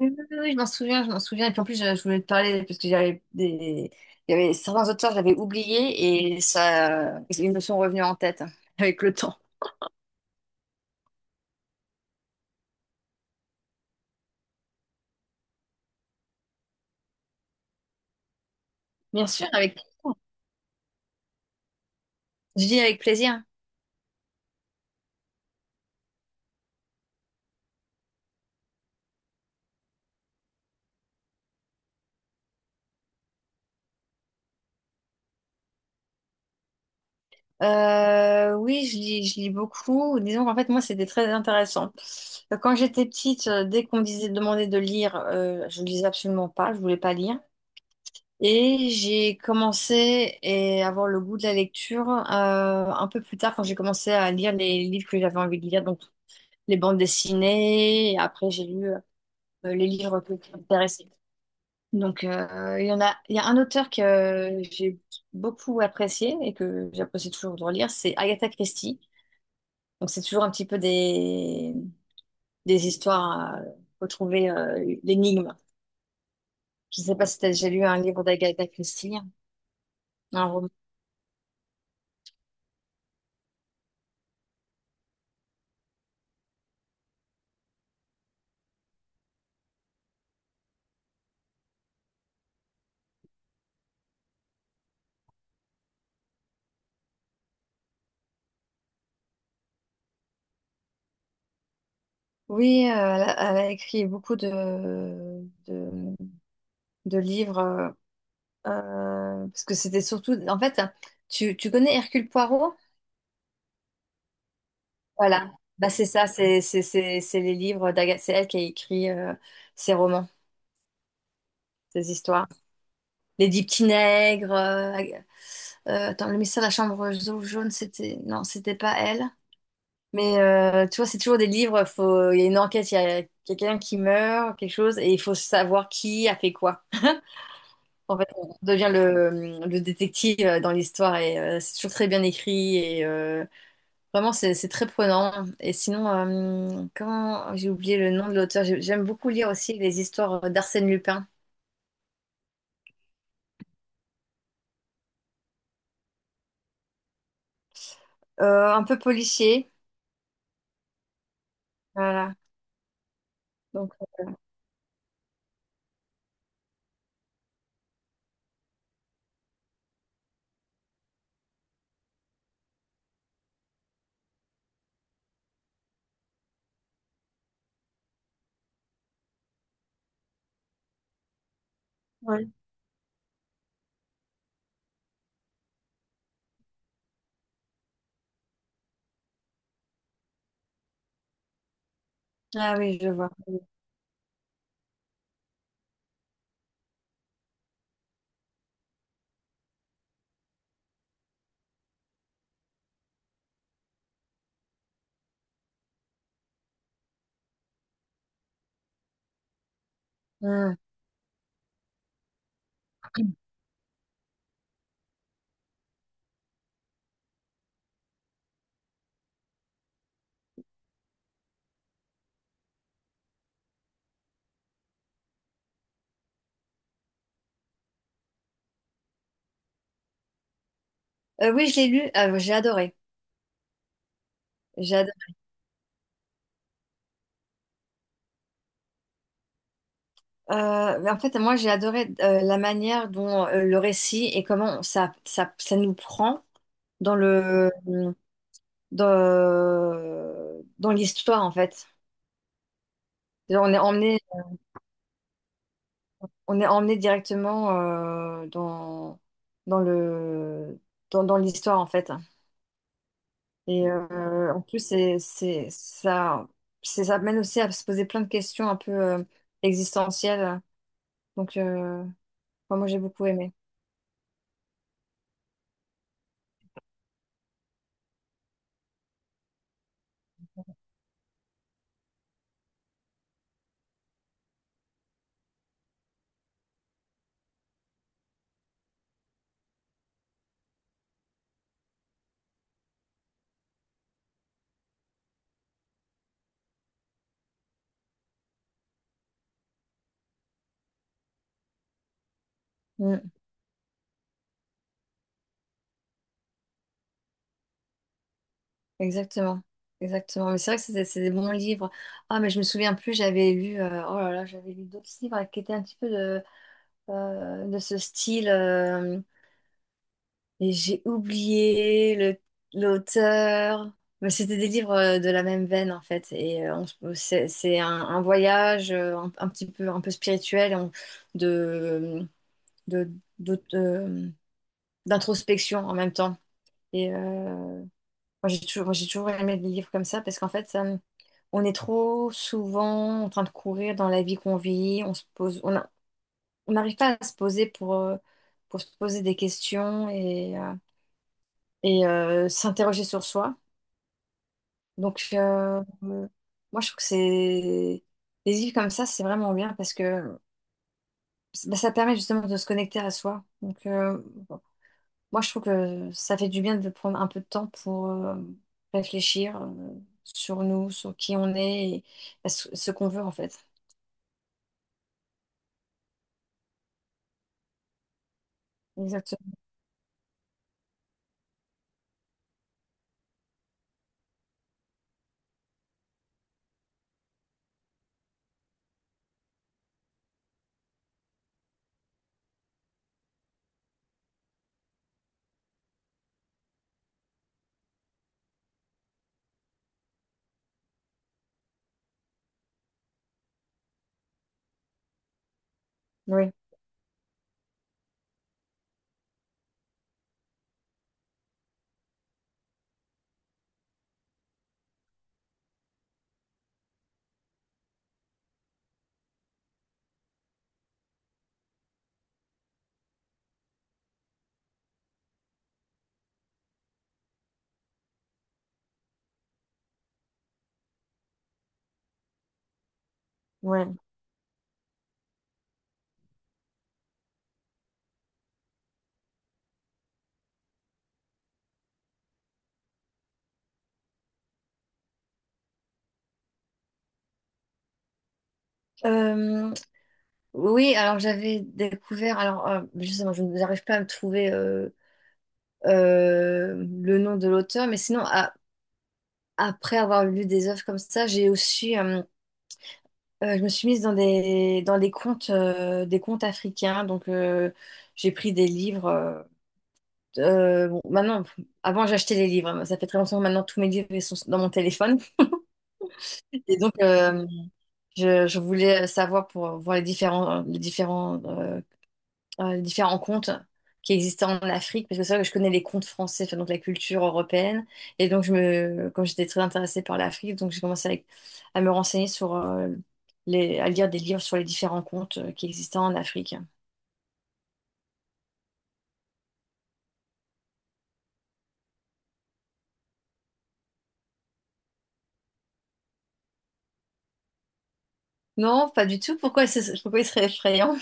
Oui, oui, oui, oui, je m'en souviens, je m'en souviens. Et puis en plus, je voulais te parler parce que j'avais des... il y avait certains auteurs, j'avais oublié et ça, ils me sont revenus en tête hein, avec le temps. Bien sûr, avec, je lis avec plaisir. Oui, je lis beaucoup. Disons qu'en fait, moi, c'était très intéressant. Quand j'étais petite, dès qu'on me demandait de lire, je ne lisais absolument pas, je voulais pas lire. Et à avoir le goût de la lecture un peu plus tard quand j'ai commencé à lire les livres que j'avais envie de lire. Donc, les bandes dessinées, et après j'ai lu qui m'intéressaient. Il y a un auteur que j'ai beaucoup apprécié et que j'apprécie toujours de relire, c'est Agatha Christie. Donc c'est toujours un petit peu des histoires à retrouver, l'énigme. Je ne sais pas si tu as déjà lu un livre d'Agatha Christie, un roman. Oui, elle a écrit beaucoup de livres, parce que c'était surtout, en fait, tu connais Hercule Poirot? Voilà, bah, c'est ça, c'est les livres d'Agathe, c'est elle qui a écrit ses romans, ses histoires. Les Dix Petits Nègres, attends, le mystère de la chambre jaune, non, c'était pas elle. Mais tu vois, c'est toujours des livres, faut... il y a une enquête, il y a quelqu'un qui meurt, quelque chose, et il faut savoir qui a fait quoi. En fait, on devient le détective dans l'histoire, et c'est toujours très bien écrit. Vraiment, c'est très prenant. Et sinon, comment j'ai oublié le nom de l'auteur. J'aime beaucoup lire aussi les histoires d'Arsène Lupin. Un peu policier. Voilà. Donc, ah oui, je vois. Hmm. Oui, je l'ai lu. Ah, j'ai adoré. J'ai adoré. Mais en fait, moi, j'ai adoré la manière dont le récit et comment ça nous prend dans le dans, dans l'histoire, en fait. On est emmené on est emmené directement euh, dans, dans le, dans l'histoire, en fait. Et en plus, ça mène aussi à se poser plein de questions un peu existentielles. Donc, euh, enfin, moi, j'ai beaucoup aimé. Mm, exactement. Exactement. Mais c'est vrai que c'est des bons livres. Ah, mais je me souviens plus, j'avais lu, oh là là, j'avais lu d'autres livres qui étaient un petit peu de ce style. Et j'ai oublié l'auteur. Mais c'était des livres de la même veine en fait. Et c'est un voyage un petit peu un peu spirituel de, de- d'aut- euh, d'introspection en même temps. Et moi, j'ai toujours aimé les livres comme ça parce qu'en fait on est trop souvent en train de courir dans la vie qu'on vit. On n'arrive pas à se poser pour se poser des questions et s'interroger sur soi. Moi, je trouve que c'est... Les livres comme ça, c'est vraiment bien parce que bah, ça permet justement de se connecter à soi. Bon, moi, je trouve que ça fait du bien de prendre un peu de temps pour réfléchir sur nous, sur qui on est et bah, ce qu'on veut, en fait. Exactement. Oui, ouais. Euh, oui, alors j'avais découvert... Alors, justement, je n'arrive pas à me trouver... euh, le nom de l'auteur, mais sinon, ah, après avoir lu des œuvres comme ça, j'ai aussi, je me suis mise dans des contes africains. J'ai pris des livres. Bon, maintenant, avant, j'achetais les livres, hein. Ça fait très longtemps que maintenant, tous mes livres ils sont dans mon téléphone. Et donc, je voulais savoir pour voir les différents différents contes qui existaient en Afrique, parce que c'est vrai que je connais les contes français, enfin, donc la culture européenne. Et donc, comme j'étais très intéressée par l'Afrique, donc j'ai commencé à me renseigner sur à lire des livres sur les différents contes qui existaient en Afrique. Non, pas du tout. Pourquoi il serait effrayant?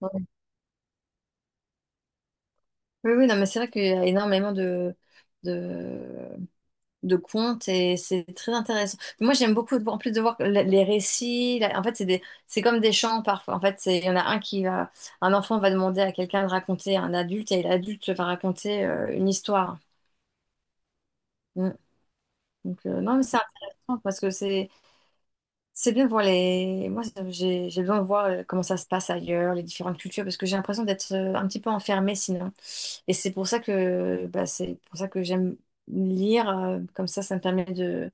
Ouais. Oui, oui, non, mais c'est vrai qu'il y a énormément de contes et c'est très intéressant. Moi, j'aime beaucoup, en plus de voir les récits, en fait, c'est comme des chants parfois. En fait, c'est, il y en a un qui va, un enfant va demander à quelqu'un de raconter à un adulte et l'adulte va raconter une histoire. Mm. Non, mais c'est intéressant parce que c'est bien de voir les, moi, j'ai besoin de voir comment ça se passe ailleurs, les différentes cultures, parce que j'ai l'impression d'être un petit peu enfermée sinon. Et c'est pour ça que, bah, c'est pour ça que j'aime lire, comme ça me permet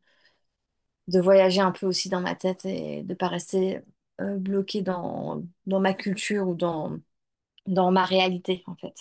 de voyager un peu aussi dans ma tête et de pas rester bloquée dans ma culture ou dans ma réalité, en fait.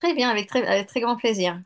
Très bien, avec très grand plaisir.